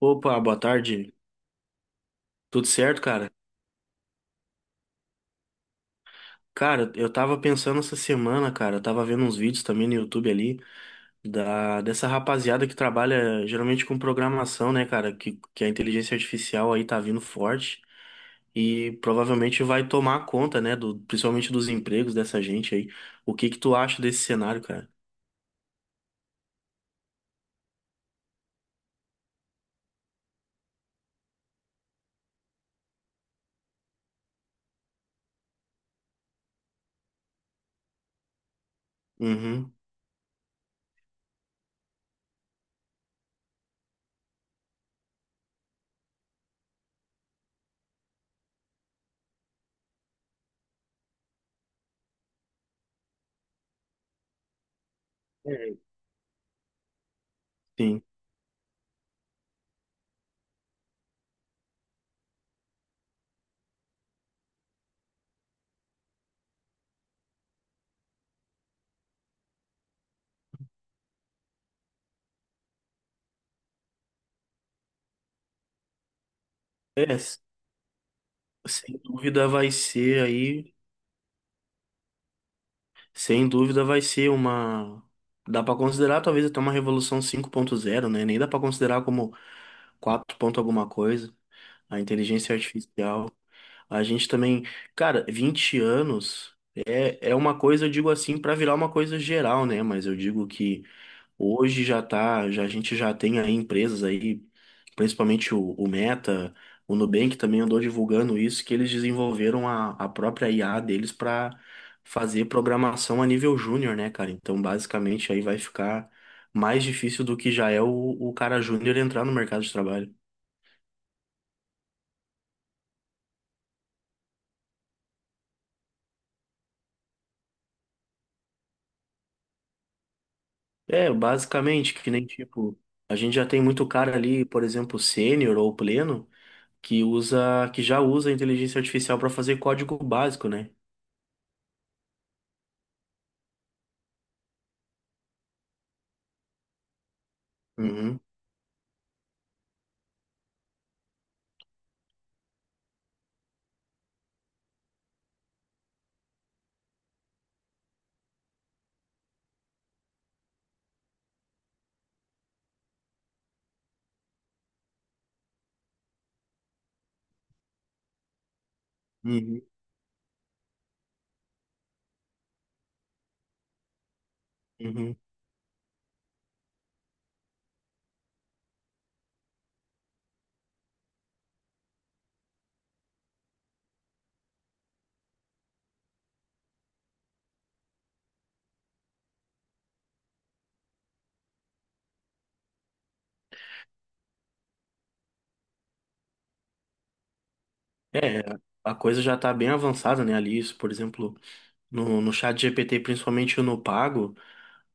Opa, boa tarde. Tudo certo, cara? Cara, eu tava pensando essa semana, cara, eu tava vendo uns vídeos também no YouTube ali da dessa rapaziada que trabalha geralmente com programação, né, cara, que a inteligência artificial aí tá vindo forte e provavelmente vai tomar conta, né, do principalmente dos empregos dessa gente aí. O que que tu acha desse cenário, cara? Uhum. É. Sim. É, s- sem dúvida vai ser aí. Sem dúvida vai ser uma. Dá para considerar talvez até uma revolução 5.0, né? Nem dá para considerar como 4 ponto alguma coisa. A inteligência artificial. A gente também. Cara, 20 anos é, é uma coisa, eu digo assim, para virar uma coisa geral, né? Mas eu digo que hoje já tá, já, a gente já tem aí empresas aí, principalmente o Meta, o Nubank também andou divulgando isso, que eles desenvolveram a própria IA deles para fazer programação a nível júnior, né, cara? Então, basicamente, aí vai ficar mais difícil do que já é o cara júnior entrar no mercado de trabalho. É, basicamente, que nem tipo, a gente já tem muito cara ali, por exemplo, sênior ou pleno, que já usa a inteligência artificial para fazer código básico, né? Uhum. Uhum. Uhum. É, a coisa já está bem avançada, né, ali, isso, por exemplo, no chat GPT, principalmente no pago,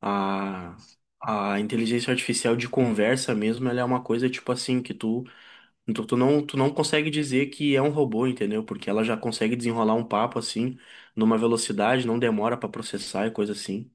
a, a inteligência artificial de conversa mesmo, ela é uma coisa, tipo assim, que tu, tu, tu não consegue dizer que é um robô, entendeu? Porque ela já consegue desenrolar um papo, assim, numa velocidade, não demora para processar e coisa assim.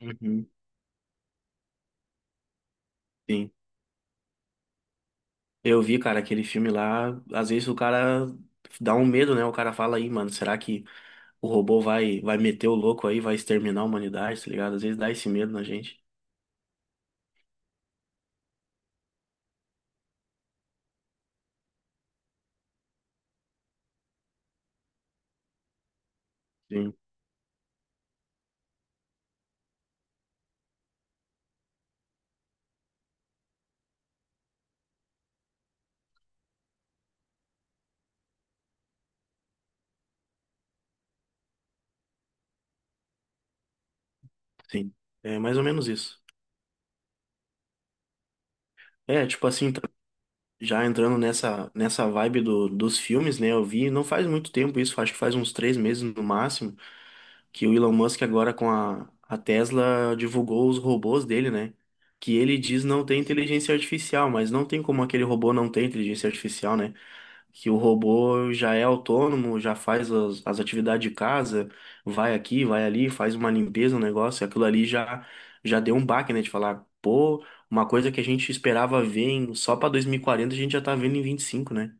Uhum. Sim. Eu vi, cara, aquele filme lá, às vezes o cara dá um medo, né, o cara fala aí, mano, será que o robô vai meter o louco aí, vai exterminar a humanidade, tá ligado? Às vezes dá esse medo na gente. Sim, sim. É mais ou menos isso. É, tipo assim, tá- Já entrando nessa vibe do, dos filmes, né? Eu vi, não faz muito tempo isso, acho que faz uns 3 meses no máximo, que o Elon Musk agora com a Tesla divulgou os robôs dele, né? Que ele diz não ter inteligência artificial, mas não tem como aquele robô não ter inteligência artificial, né? Que o robô já é autônomo, já faz as atividades de casa, vai aqui, vai ali, faz uma limpeza, um negócio, já deu um baque, né? De falar, pô, uma coisa que a gente esperava ver em, só para 2040, a gente já tá vendo em 25, né?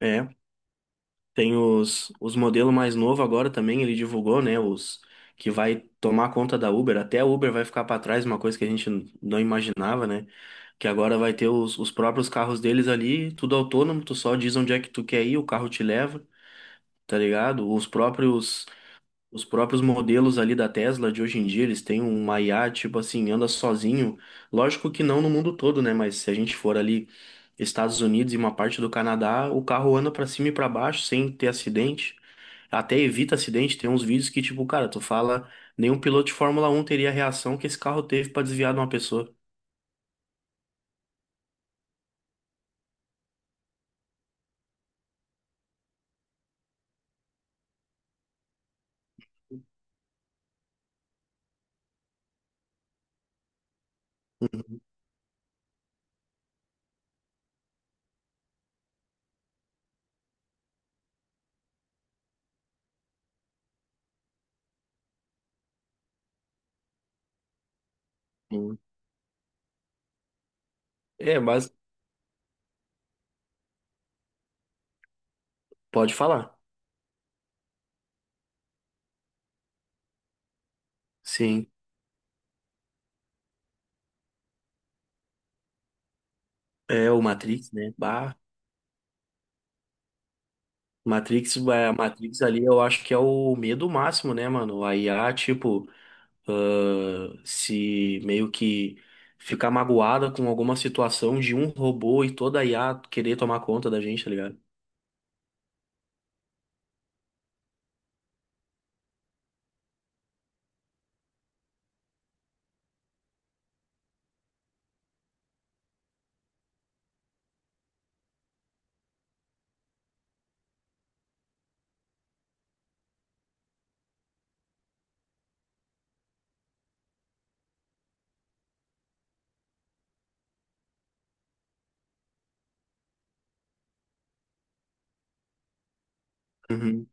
É, tem os modelos mais novos agora também, ele divulgou, né? Os que vai tomar conta da Uber, até a Uber vai ficar para trás, uma coisa que a gente não imaginava, né? Que agora vai ter os próprios carros deles ali, tudo autônomo, tu só diz onde é que tu quer ir, o carro te leva. Tá ligado? Os próprios modelos ali da Tesla de hoje em dia, eles têm uma IA, tipo assim, anda sozinho. Lógico que não no mundo todo, né? Mas se a gente for ali Estados Unidos e uma parte do Canadá, o carro anda pra cima e pra baixo sem ter acidente. Até evita acidente. Tem uns vídeos que, tipo, cara, tu fala, nenhum piloto de Fórmula Um teria a reação que esse carro teve pra desviar de uma pessoa. Hum. É, mas Pode falar. Sim. É o Matrix, né? Bah. Matrix, é, a Matrix ali eu acho que é o medo máximo, né, mano? A IA, tipo, ah, se meio que ficar magoada com alguma situação de um robô e toda a IA querer tomar conta da gente, tá ligado? Uhum,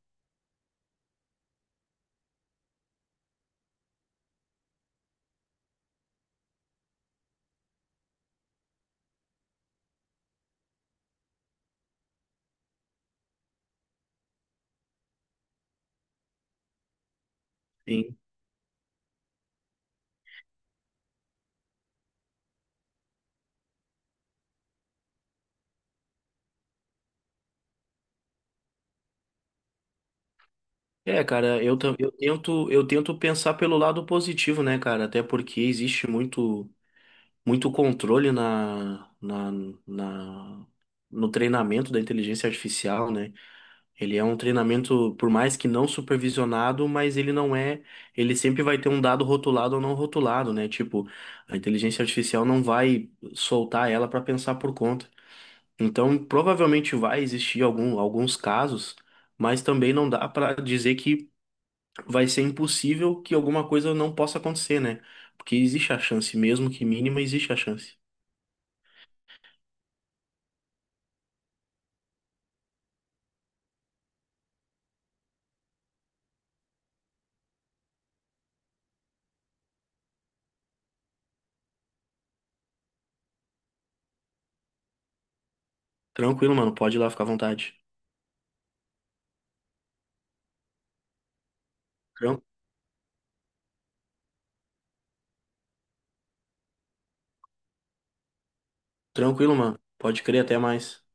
sim. É, cara, eu tento pensar pelo lado positivo, né, cara? Até porque existe muito, muito controle na, no treinamento da inteligência artificial, né? Ele é um treinamento, por mais que não supervisionado, mas ele não é. Ele sempre vai ter um dado rotulado ou não rotulado, né? Tipo, a inteligência artificial não vai soltar ela para pensar por conta. Então, provavelmente vai existir alguns casos, mas também não dá para dizer que vai ser impossível que alguma coisa não possa acontecer, né? Porque existe a chance, mesmo que mínima, existe a chance. Tranquilo, mano, pode ir lá ficar à vontade. Tran- Tranquilo, mano, pode crer, até mais.